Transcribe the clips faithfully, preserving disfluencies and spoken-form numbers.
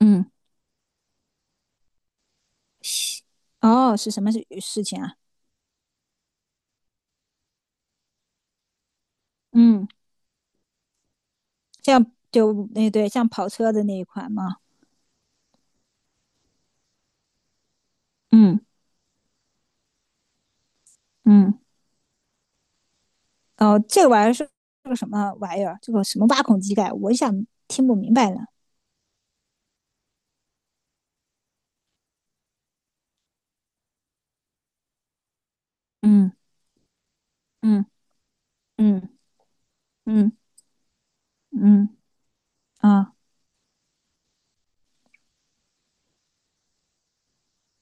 嗯，西哦，是什么事事情啊？嗯，像就那对像跑车的那一款吗？嗯嗯，哦，这个玩意儿是是个什么玩意儿？这个什么挖孔机盖？我一下听不明白了。嗯嗯嗯嗯嗯啊，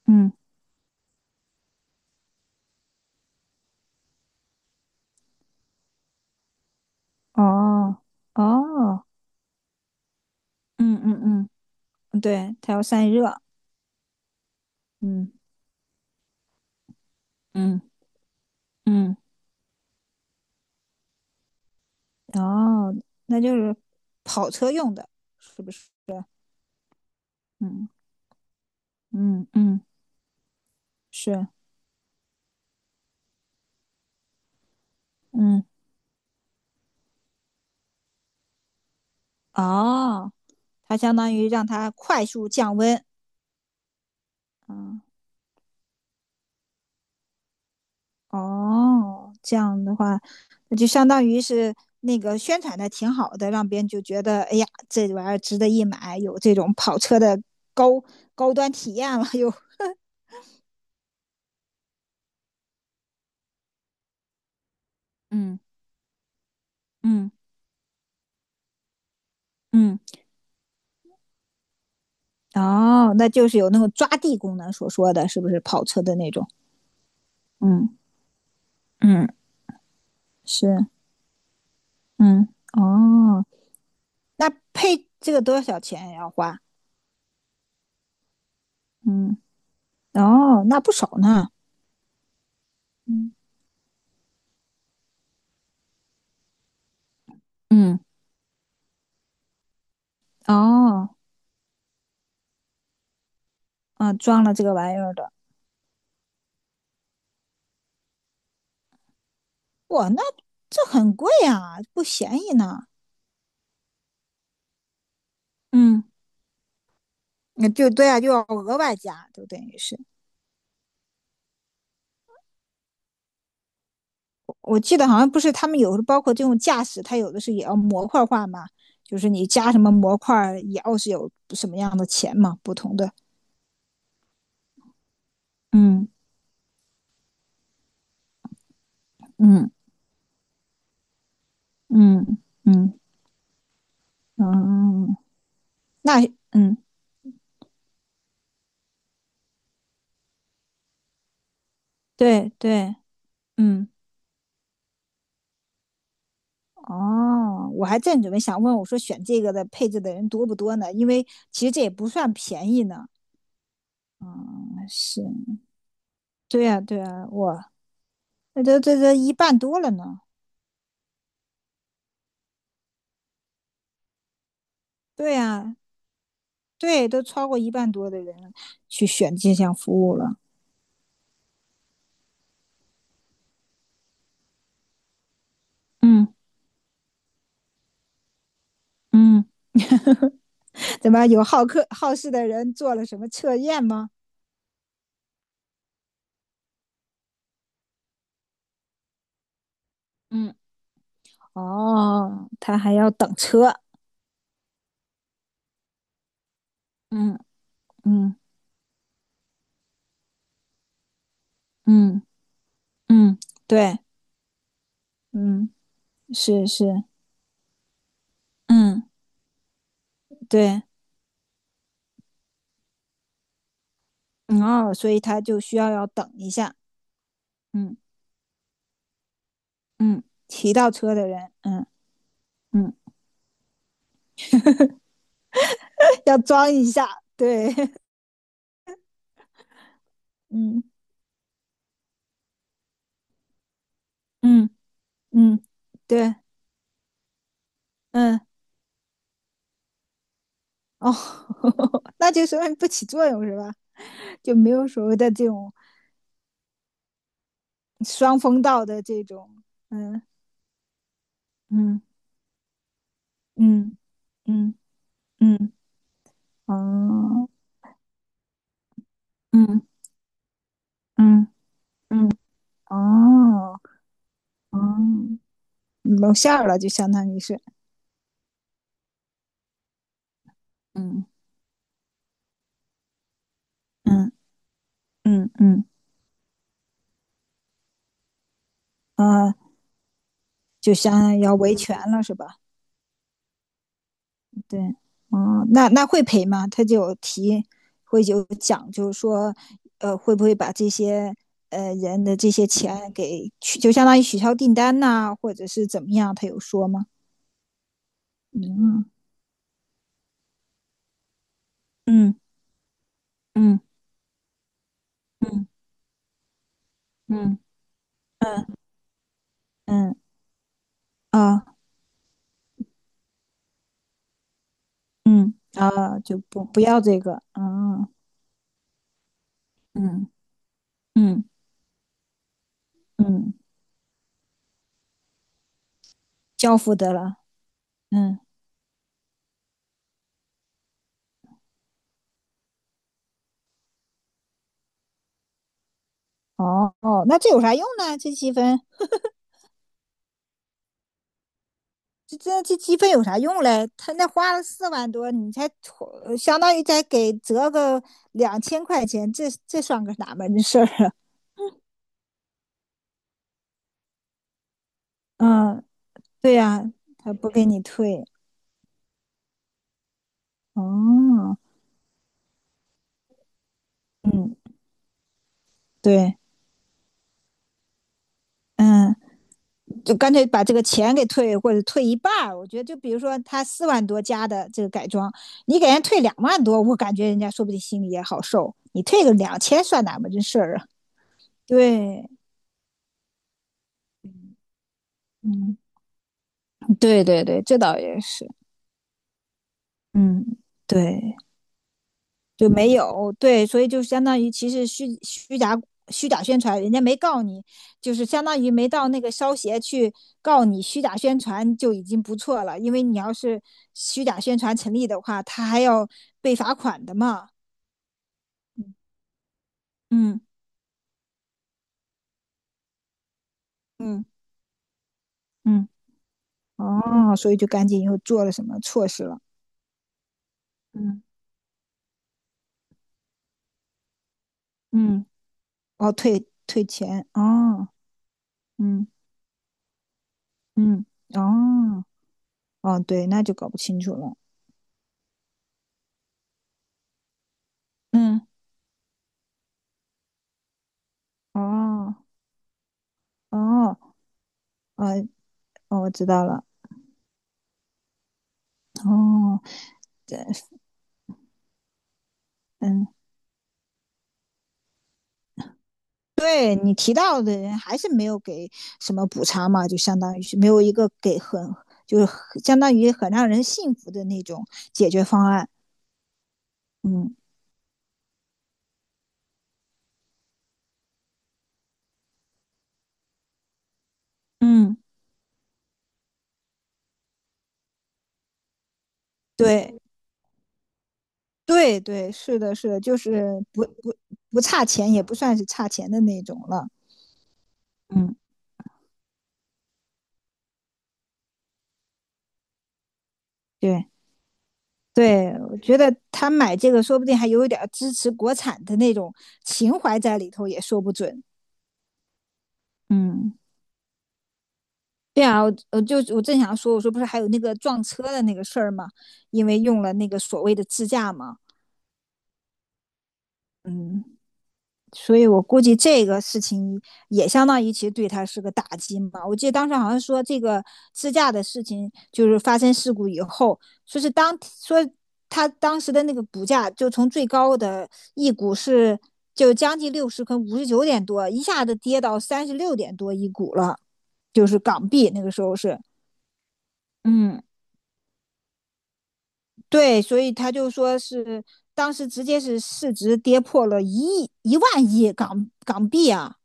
嗯哦哦，嗯嗯嗯对，它要散热。嗯，嗯嗯哦，那就是跑车用的，是不是？嗯嗯嗯是，嗯。哦，它相当于让它快速降温。嗯，哦，这样的话，那就相当于是那个宣传的挺好的，让别人就觉得，哎呀，这玩意儿值得一买，有这种跑车的高高端体验了又。嗯嗯嗯，哦，那就是有那种抓地功能所说的，是不是跑车的那种？嗯嗯，是，嗯哦，那配这个多少钱要花？嗯，哦，那不少呢。嗯。嗯，哦，啊，装了这个玩意儿的，哇，那这很贵啊，不便宜呢。嗯，那就对啊，就要额外加，就等于是，我记得好像不是他们有的包括这种驾驶，它有的是也要模块化嘛，就是你加什么模块儿也要是有什么样的钱嘛，不同的，嗯嗯嗯嗯嗯，那嗯对对，嗯。哦，我还正准备想问，我说选这个的配置的人多不多呢？因为其实这也不算便宜呢。是，对呀，对呀，我那都这这一半多了呢。对呀，对，都超过一半多的人去选这项服务了。嗯嗯，怎么有好客好事的人做了什么测验吗？嗯哦，他还要等车。嗯嗯嗯嗯，对，嗯，是是，嗯对。嗯哦，所以他就需要要等一下，嗯嗯，骑到车的人，嗯嗯，要装一下，对，嗯嗯嗯，对，嗯哦，那就说明不起作用是吧？就没有所谓的这种双风道的这种，嗯嗯嗯嗯嗯，哦，嗯嗯嗯，哦哦，露馅儿了，就相当于是，嗯嗯嗯嗯，啊。就相当于要维权了，是吧？对，嗯，那那会赔吗？他就有提，会有讲，就是说，呃，会不会把这些呃人的这些钱给取，就相当于取消订单呐、啊或者是怎么样？他有说吗？嗯嗯嗯嗯嗯嗯嗯啊嗯啊，就不不要这个，嗯嗯嗯嗯，交付得了，嗯。哦哦，那这有啥用呢？这积分这这这积分有啥用嘞？他那花了四万多，你才呃相当于再给折个两千块钱，这这算个哪门子事儿啊？嗯，对呀、他不给你退。哦，嗯，对，嗯，就干脆把这个钱给退，或者退一半儿。我觉得，就比如说他四万多加的这个改装，你给人退两万多，我感觉人家说不定心里也好受。你退个两千算哪门子事儿啊？对，嗯，对对对，这倒也是，嗯，对。就没有，对，所以就相当于其实虚虚假虚假宣传，人家没告你，就是相当于没到那个烧协去告你虚假宣传就已经不错了，因为你要是虚假宣传成立的话，他还要被罚款的嘛。嗯嗯嗯，嗯哦，所以就赶紧又做了什么措施了？嗯嗯，哦，退退钱，哦，嗯嗯，哦哦，对，那就搞不清楚了。嗯，哦哦。哦，呃哦，我知道了。哦，对，嗯，对你提到的人还是没有给什么补偿嘛，就相当于是没有一个给很，就是很相当于很让人信服的那种解决方案。嗯嗯，对对对，是的，是的，就是不不不差钱，也不算是差钱的那种了。嗯，对对，我觉得他买这个说不定还有一点儿支持国产的那种情怀在里头，也说不准。嗯。对啊，我我就我正想说，我说不是还有那个撞车的那个事儿吗？因为用了那个所谓的自驾嘛，嗯，所以我估计这个事情也相当于其实对他是个打击嘛。我记得当时好像说这个自驾的事情，就是发生事故以后，说是当说他当时的那个股价就从最高的一股是就将近六十，跟五十九点多，一下子跌到三十六点多一股了，就是港币那个时候是，嗯。对，所以他就说是当时直接是市值跌破了一亿一万亿港港币啊，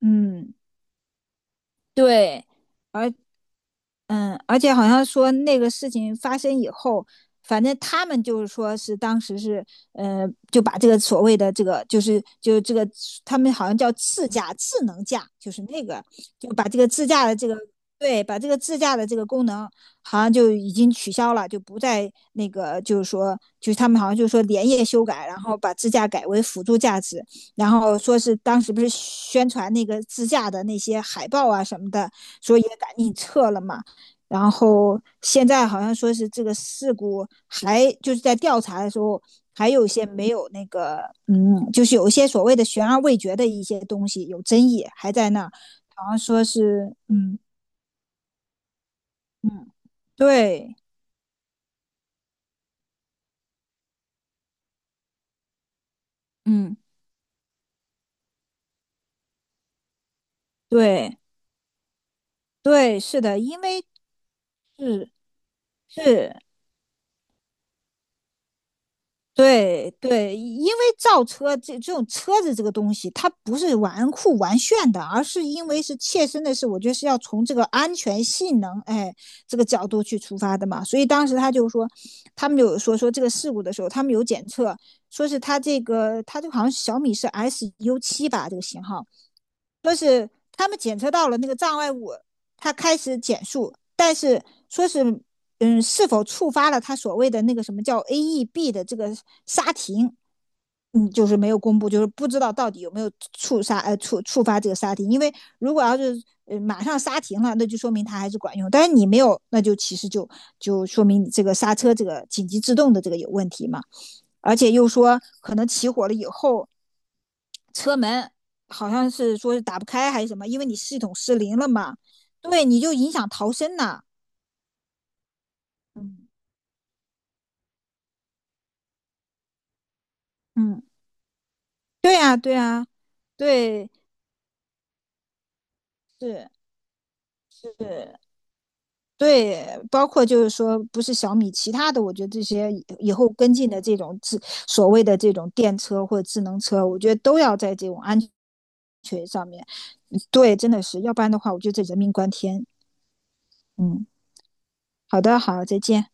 嗯，对，而嗯，而且好像说那个事情发生以后，反正他们就是说是当时是，呃，就把这个所谓的这个就是就这个他们好像叫自驾智能驾，就是那个就把这个自驾的这个对，把这个自驾的这个功能好像就已经取消了，就不再那个就是说就是他们好像就是说连夜修改，然后把自驾改为辅助驾驶，然后说是当时不是宣传那个自驾的那些海报啊什么的，说也赶紧撤了嘛。然后现在好像说是这个事故还就是在调查的时候，还有一些没有那个，嗯，就是有一些所谓的悬而未决的一些东西有争议，还在那好像说是，嗯嗯，对，嗯对对，是的，因为是是对对，因为造车这这种车子这个东西，它不是玩酷玩炫的，而是因为是切身的事，我觉得是要从这个安全性能，哎，这个角度去出发的嘛。所以当时他就说，他们有说说这个事故的时候，他们有检测，说是他这个他这个好像是小米是 S U 七吧，这个型号，说是他们检测到了那个障碍物，它开始减速，但是说是嗯，是否触发了它所谓的那个什么叫 A E B 的这个刹停，嗯，就是没有公布，就是不知道到底有没有触刹呃触触发这个刹停，因为如果要是呃马上刹停了，那就说明它还是管用，但是你没有，那就其实就就说明你这个刹车这个紧急制动的这个有问题嘛。而且又说，可能起火了以后，车门好像是说是打不开还是什么，因为你系统失灵了嘛，对，你就影响逃生呐。嗯嗯，对呀，对呀，对，是是，对，包括就是说，不是小米，其他的，我觉得这些以以后跟进的这种智所谓的这种电车或者智能车，我觉得都要在这种安全上面，嗯对，真的是，要不然的话，我觉得这人命关天。嗯，好的，好，再见。